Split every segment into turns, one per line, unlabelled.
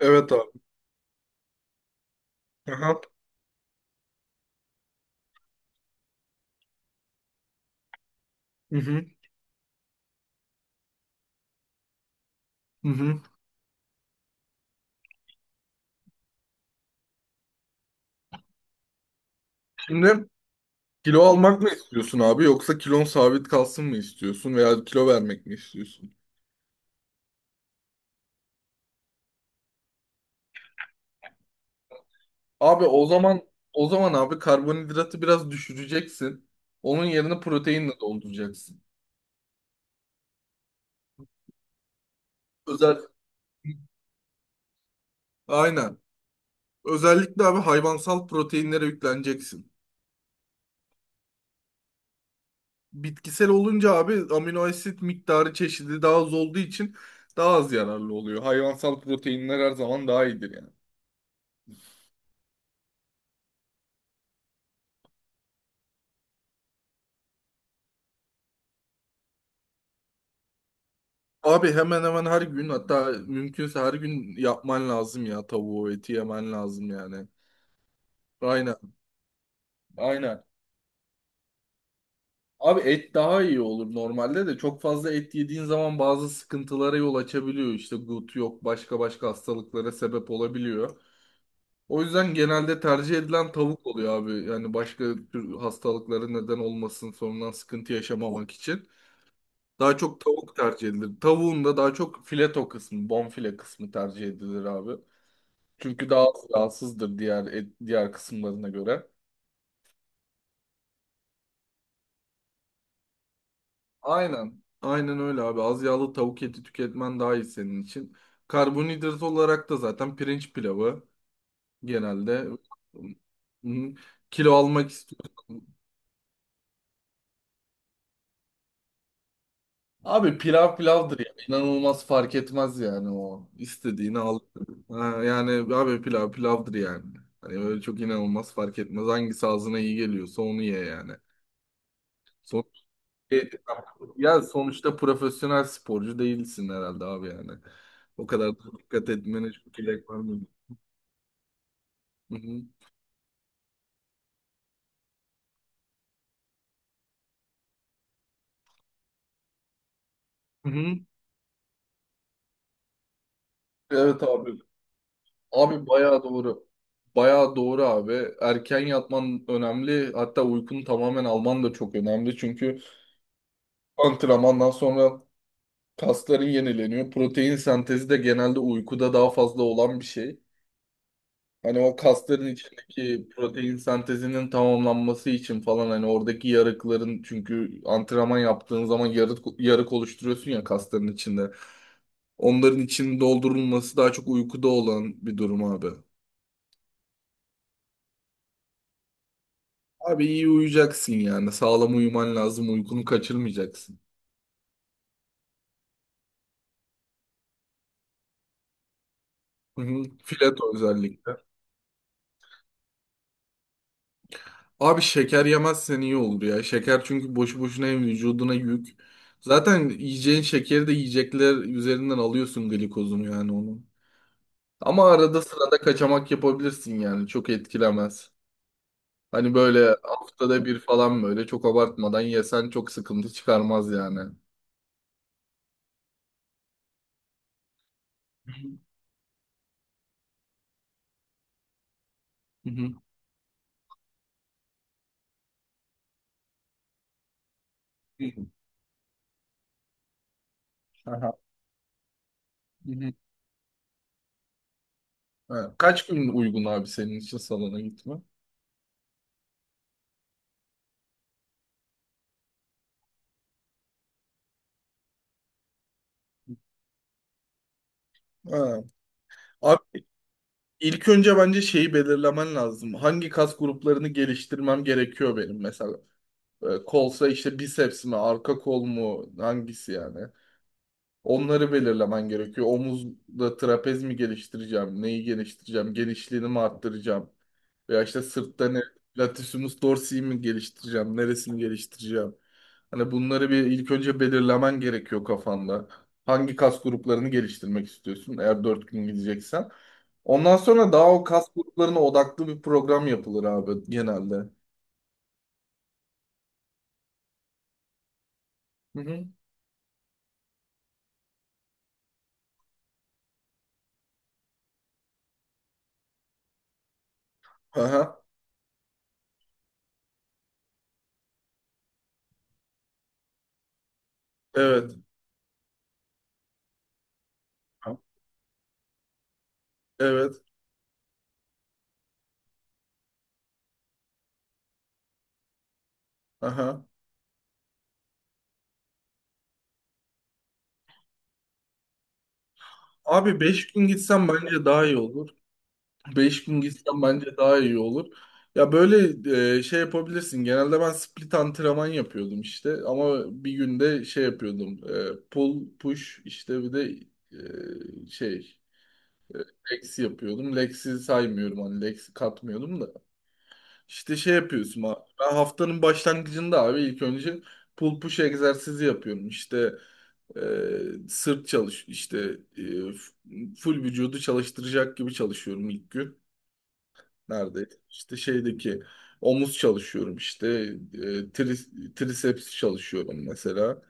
Evet abi. Aha. Hı hı. Hı hı. Şimdi kilo almak mı istiyorsun abi yoksa kilon sabit kalsın mı istiyorsun veya kilo vermek mi istiyorsun? Abi o zaman abi karbonhidratı biraz düşüreceksin. Onun yerine proteinle dolduracaksın. Özel aynen. Özellikle abi hayvansal proteinlere yükleneceksin. Bitkisel olunca abi amino asit miktarı çeşidi daha az olduğu için daha az yararlı oluyor. Hayvansal proteinler her zaman daha iyidir yani. Abi hemen hemen her gün, hatta mümkünse her gün yapman lazım ya, tavuğu eti yemen lazım yani. Aynen, aynen. Abi et daha iyi olur, normalde de çok fazla et yediğin zaman bazı sıkıntılara yol açabiliyor. İşte gut yok, başka başka hastalıklara sebep olabiliyor. O yüzden genelde tercih edilen tavuk oluyor abi. Yani başka tür hastalıklara neden olmasın, sonradan sıkıntı yaşamamak için. Daha çok tavuk tercih edilir. Tavuğun da daha çok fileto kısmı, bonfile kısmı tercih edilir abi. Çünkü daha az yağsızdır diğer diğer kısımlarına göre. Aynen. Aynen öyle abi. Az yağlı tavuk eti tüketmen daha iyi senin için. Karbonhidrat olarak da zaten pirinç pilavı genelde. Hı. Kilo almak istiyorsan abi, pilav pilavdır ya. İnanılmaz fark etmez yani o. İstediğini al. Ha, yani abi pilav pilavdır yani. Hani öyle çok inanılmaz fark etmez. Hangisi ağzına iyi geliyorsa onu ye yani. E, ya sonuçta profesyonel sporcu değilsin herhalde abi yani. O kadar da dikkat etmene çok gerek var mı? Hı hı. Hı hı. Evet abi. Abi bayağı doğru. Bayağı doğru abi. Erken yatman önemli. Hatta uykunu tamamen alman da çok önemli. Çünkü antrenmandan sonra kasların yenileniyor. Protein sentezi de genelde uykuda daha fazla olan bir şey. Hani o kasların içindeki protein sentezinin tamamlanması için falan, hani oradaki yarıkların, çünkü antrenman yaptığın zaman yarık, yarık oluşturuyorsun ya kasların içinde. Onların içinin doldurulması daha çok uykuda olan bir durum abi. Abi iyi uyuyacaksın yani. Sağlam uyuman lazım. Uykunu kaçırmayacaksın. Hı hı. Fileto özellikle. Abi şeker yemezsen iyi olur ya. Şeker çünkü boşu boşuna, hem vücuduna yük. Zaten yiyeceğin şekeri de yiyecekler üzerinden alıyorsun, glikozunu yani onu. Ama arada sırada kaçamak yapabilirsin yani. Çok etkilemez. Hani böyle haftada bir falan, böyle çok abartmadan yesen çok sıkıntı çıkarmaz yani. Hı hı. Hı hı. Aha. Hı hı. Ha, kaç gün uygun abi senin için salona gitme? Ha. Abi ilk önce bence şeyi belirlemen lazım. Hangi kas gruplarını geliştirmem gerekiyor benim mesela? Kolsa işte biceps mi, arka kol mu, hangisi yani? Onları belirlemen gerekiyor. Omuzda trapez mi geliştireceğim? Neyi geliştireceğim? Genişliğini mi arttıracağım? Veya işte sırtta ne? Latissimus dorsi'yi mi geliştireceğim? Neresini geliştireceğim? Hani bunları bir ilk önce belirlemen gerekiyor kafanda. Hangi kas gruplarını geliştirmek istiyorsun eğer 4 gün gideceksen? Ondan sonra daha o kas gruplarına odaklı bir program yapılır abi, genelde. Hı hı. Aha, evet. Evet. Aha. Abi 5 gün gitsem bence daha iyi olur. 5 gün gitsen bence daha iyi olur. Ya böyle şey yapabilirsin. Genelde ben split antrenman yapıyordum işte. Ama bir günde şey yapıyordum. Pull, push işte, bir de şey legs yapıyordum. Legs'i saymıyorum, hani legs'i katmıyorum da. İşte şey yapıyorsun abi. Ben haftanın başlangıcında abi ilk önce pull push egzersizi yapıyorum. İşte sırt çalış, işte full vücudu çalıştıracak gibi çalışıyorum ilk gün. Nerede? İşte şeydeki omuz çalışıyorum, işte e, triceps çalışıyorum mesela.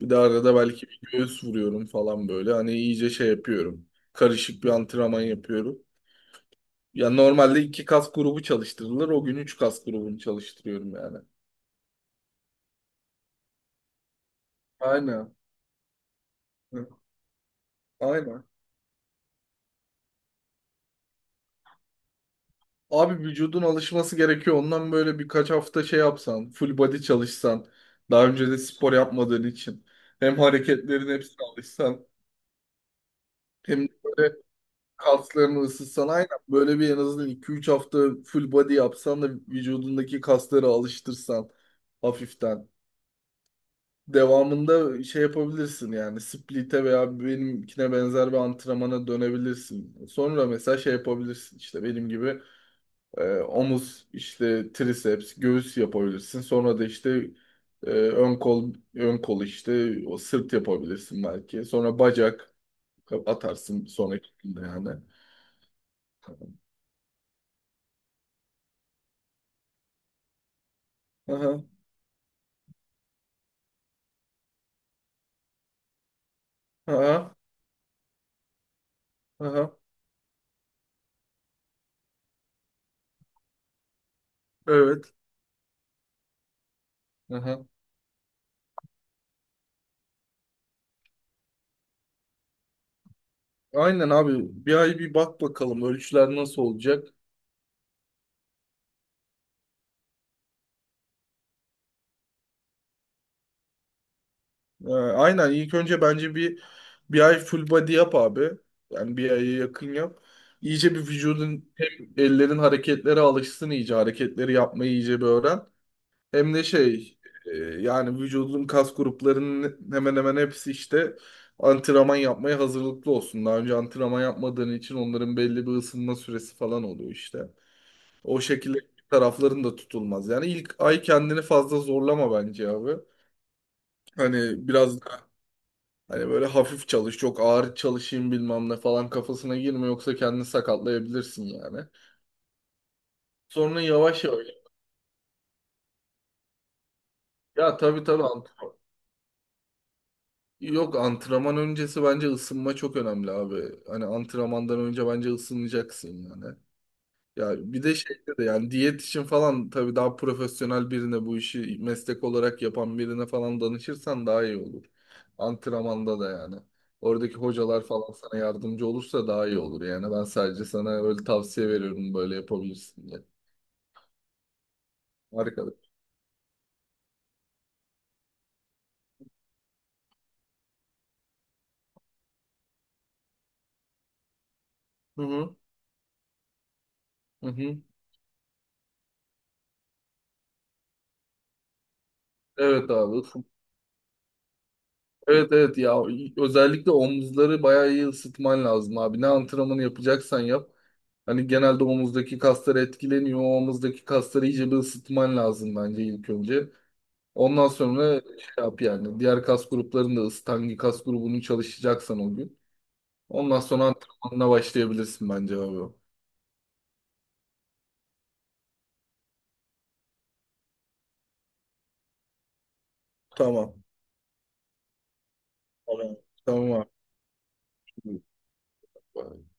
Bir de arada belki bir göğüs vuruyorum falan böyle. Hani iyice şey yapıyorum. Karışık bir antrenman yapıyorum. Ya normalde iki kas grubu çalıştırılır. O gün üç kas grubunu çalıştırıyorum yani. Aynen. Hı, aynen. Abi vücudun alışması gerekiyor. Ondan böyle birkaç hafta şey yapsan, full body çalışsan, daha önce de spor yapmadığın için, hem hareketlerin hepsine alışsan, hem de kaslarını ısıtsan, aynen böyle bir en azından iki üç hafta full body yapsan da vücudundaki kasları alıştırsan hafiften. Devamında şey yapabilirsin yani, split'e veya benimkine benzer bir antrenmana dönebilirsin. Sonra mesela şey yapabilirsin işte, benim gibi omuz, işte triceps, göğüs yapabilirsin. Sonra da işte ön kol, işte o sırt yapabilirsin belki. Sonra bacak atarsın sonraki günde yani. Aha, aha. Aha, evet. Aha. Aynen abi, bir ay bir bak bakalım ölçüler nasıl olacak. Aynen, ilk önce bence bir ay full body yap abi. Yani bir aya yakın yap. İyice bir vücudun, hem ellerin hareketlere alışsın, iyice hareketleri yapmayı iyice bir öğren. Hem de şey, yani vücudun kas gruplarının hemen hemen hepsi işte antrenman yapmaya hazırlıklı olsun. Daha önce antrenman yapmadığın için onların belli bir ısınma süresi falan oluyor işte. O şekilde tarafların da tutulmaz. Yani ilk ay kendini fazla zorlama bence abi. Hani biraz da, hani böyle hafif çalış, çok ağır çalışayım bilmem ne falan kafasına girme, yoksa kendini sakatlayabilirsin yani. Sonra yavaş yavaş. Ya tabii, tabii antrenman. Yok, antrenman öncesi bence ısınma çok önemli abi. Hani antrenmandan önce bence ısınacaksın yani. Ya bir de şeyde de yani diyet için falan tabii daha profesyonel birine, bu işi meslek olarak yapan birine falan danışırsan daha iyi olur. Antrenmanda da yani. Oradaki hocalar falan sana yardımcı olursa daha iyi olur yani. Ben sadece sana öyle tavsiye veriyorum, böyle yapabilirsin diye. Harika. Hı hı. Hı hı. Evet abi. Evet, evet, ya özellikle omuzları bayağı iyi ısıtman lazım abi. Ne antrenmanı yapacaksan yap. Hani genelde omuzdaki kaslar etkileniyor. O omuzdaki kasları iyice bir ısıtman lazım bence ilk önce. Ondan sonra şey yap yani. Diğer kas gruplarını da ısıt. Hangi kas grubunu çalışacaksan o gün. Ondan sonra antrenmanına başlayabilirsin bence abi. Tamam. Tamam. Tamam abi.